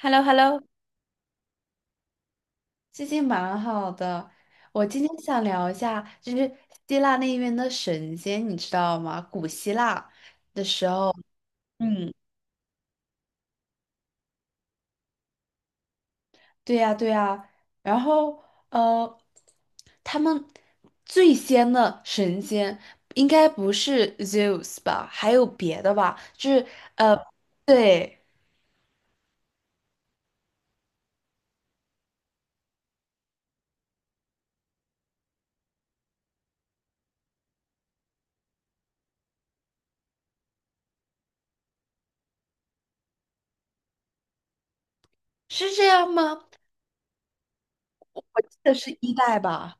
h e l l o h e l l o 最近蛮好的。我今天想聊一下，就是希腊那边的神仙，你知道吗？古希腊的时候，嗯，对呀，对呀。然后，呃，他们最先的神仙应该不是 Zeus 吧？还有别的吧？呃，对，是这样吗？我记得是一代吧。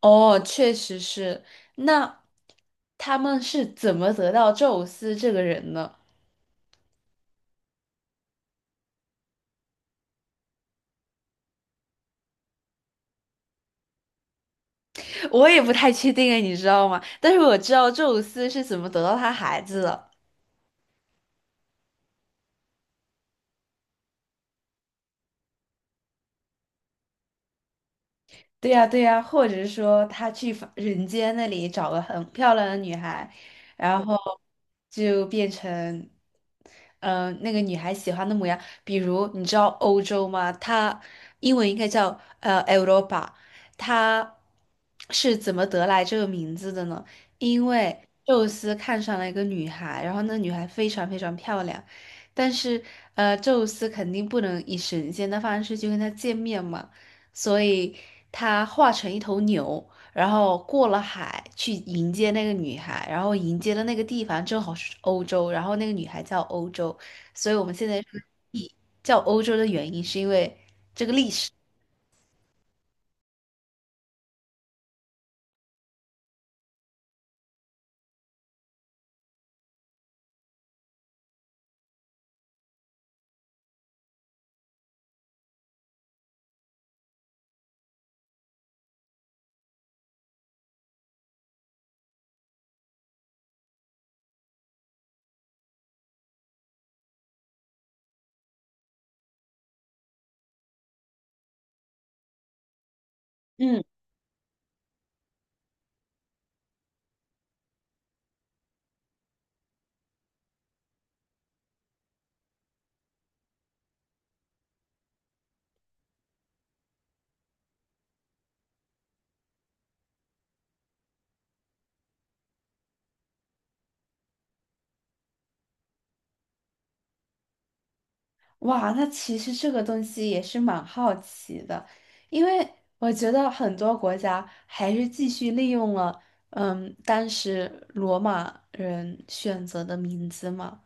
哦，确实是。那他们是怎么得到宙斯这个人呢？我也不太确定诶，你知道吗？但是我知道宙斯是怎么得到他孩子的。对呀，对呀，或者是说他去凡人间那里找个很漂亮的女孩，然后就变成，那个女孩喜欢的模样。比如你知道欧洲吗？它英文应该叫Europa，它是怎么得来这个名字的呢？因为宙斯看上了一个女孩，然后那女孩非常非常漂亮，但是宙斯肯定不能以神仙的方式去跟她见面嘛。所以他化成一头牛，然后过了海去迎接那个女孩，然后迎接的那个地方正好是欧洲，然后那个女孩叫欧洲，所以我们现在说地叫欧洲的原因是因为这个历史。嗯，哇，那其实这个东西也是蛮好奇的，因为我觉得很多国家还是继续利用了，嗯，当时罗马人选择的名字嘛。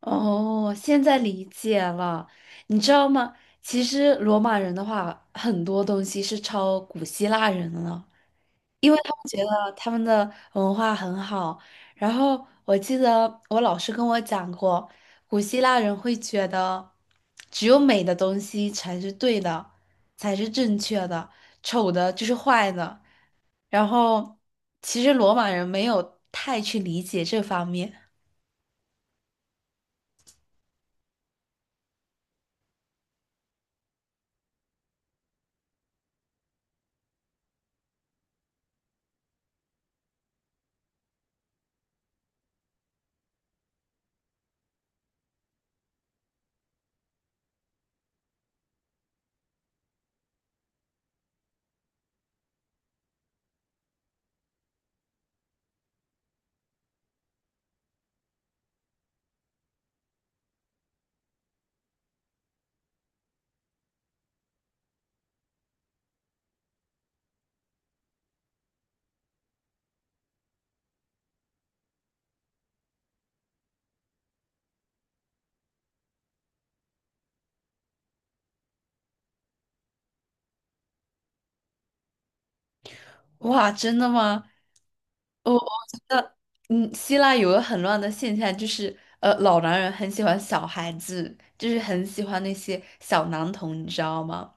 哦，现在理解了。你知道吗？其实罗马人的话，很多东西是抄古希腊人了，因为他们觉得他们的文化很好。然后我记得我老师跟我讲过，古希腊人会觉得只有美的东西才是对的，才是正确的，丑的就是坏的。然后其实罗马人没有太去理解这方面。哇，真的吗？我觉得，嗯，希腊有个很乱的现象，老男人很喜欢小孩子，就是很喜欢那些小男童，你知道吗？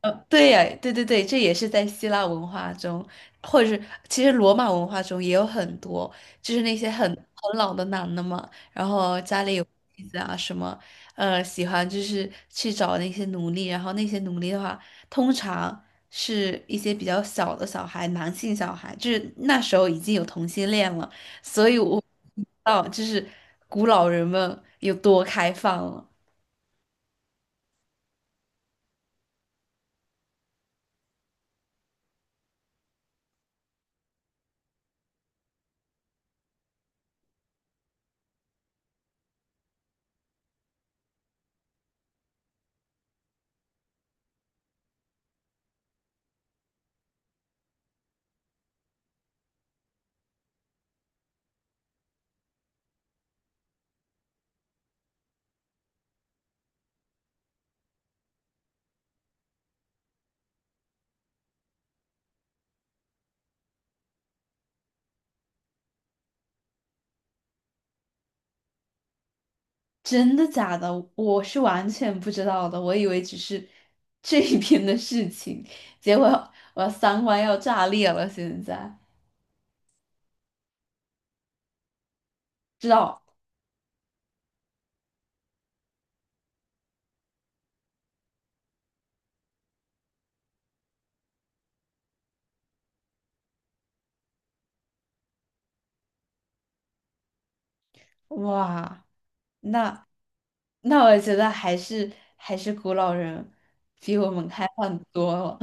对呀，对对对，这也是在希腊文化中，或者是其实罗马文化中也有很多，就是那些很老的男的嘛，然后家里有妻子啊什么，喜欢就是去找那些奴隶，然后那些奴隶的话，通常是一些比较小的小孩，男性小孩，就是那时候已经有同性恋了，所以我不知道就是古老人们有多开放了。真的假的？我是完全不知道的，我以为只是 这一边的事情，结果我三观要炸裂了。现在知道，哇，那那我觉得还是古老人比我们开放多了。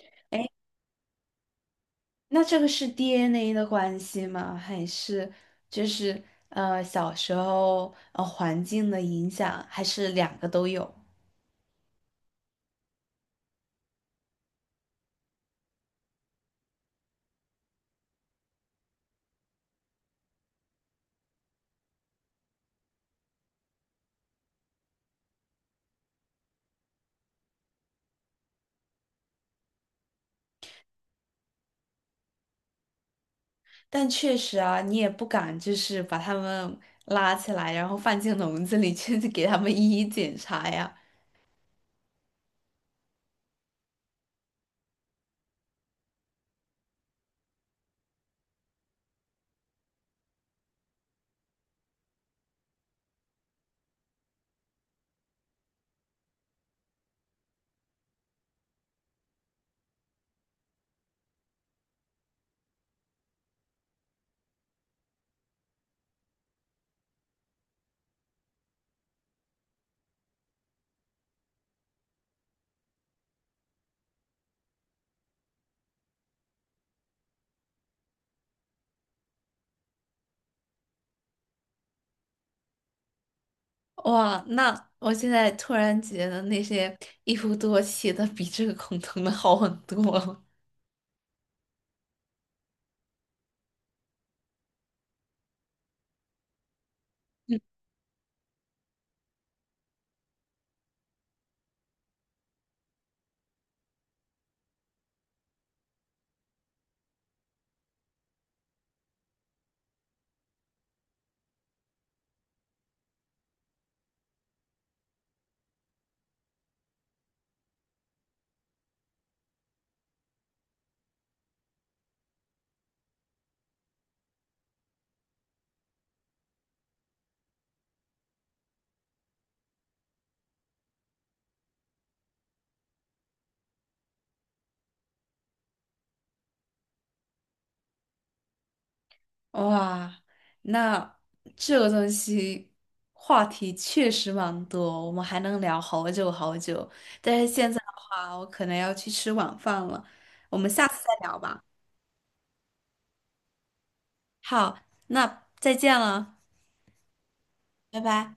哎，那这个是 DNA 的关系吗？还是小时候环境的影响，还是两个都有？但确实啊，你也不敢就是把他们拉起来，然后放进笼子里去 给他们一一检查呀。哇，那我现在突然觉得那些一夫多妻的比这个恐同的好很多了。嗯，哇，那这个东西话题确实蛮多，我们还能聊好久好久。但是现在的话，我可能要去吃晚饭了，我们下次再聊吧。好，那再见了，拜拜。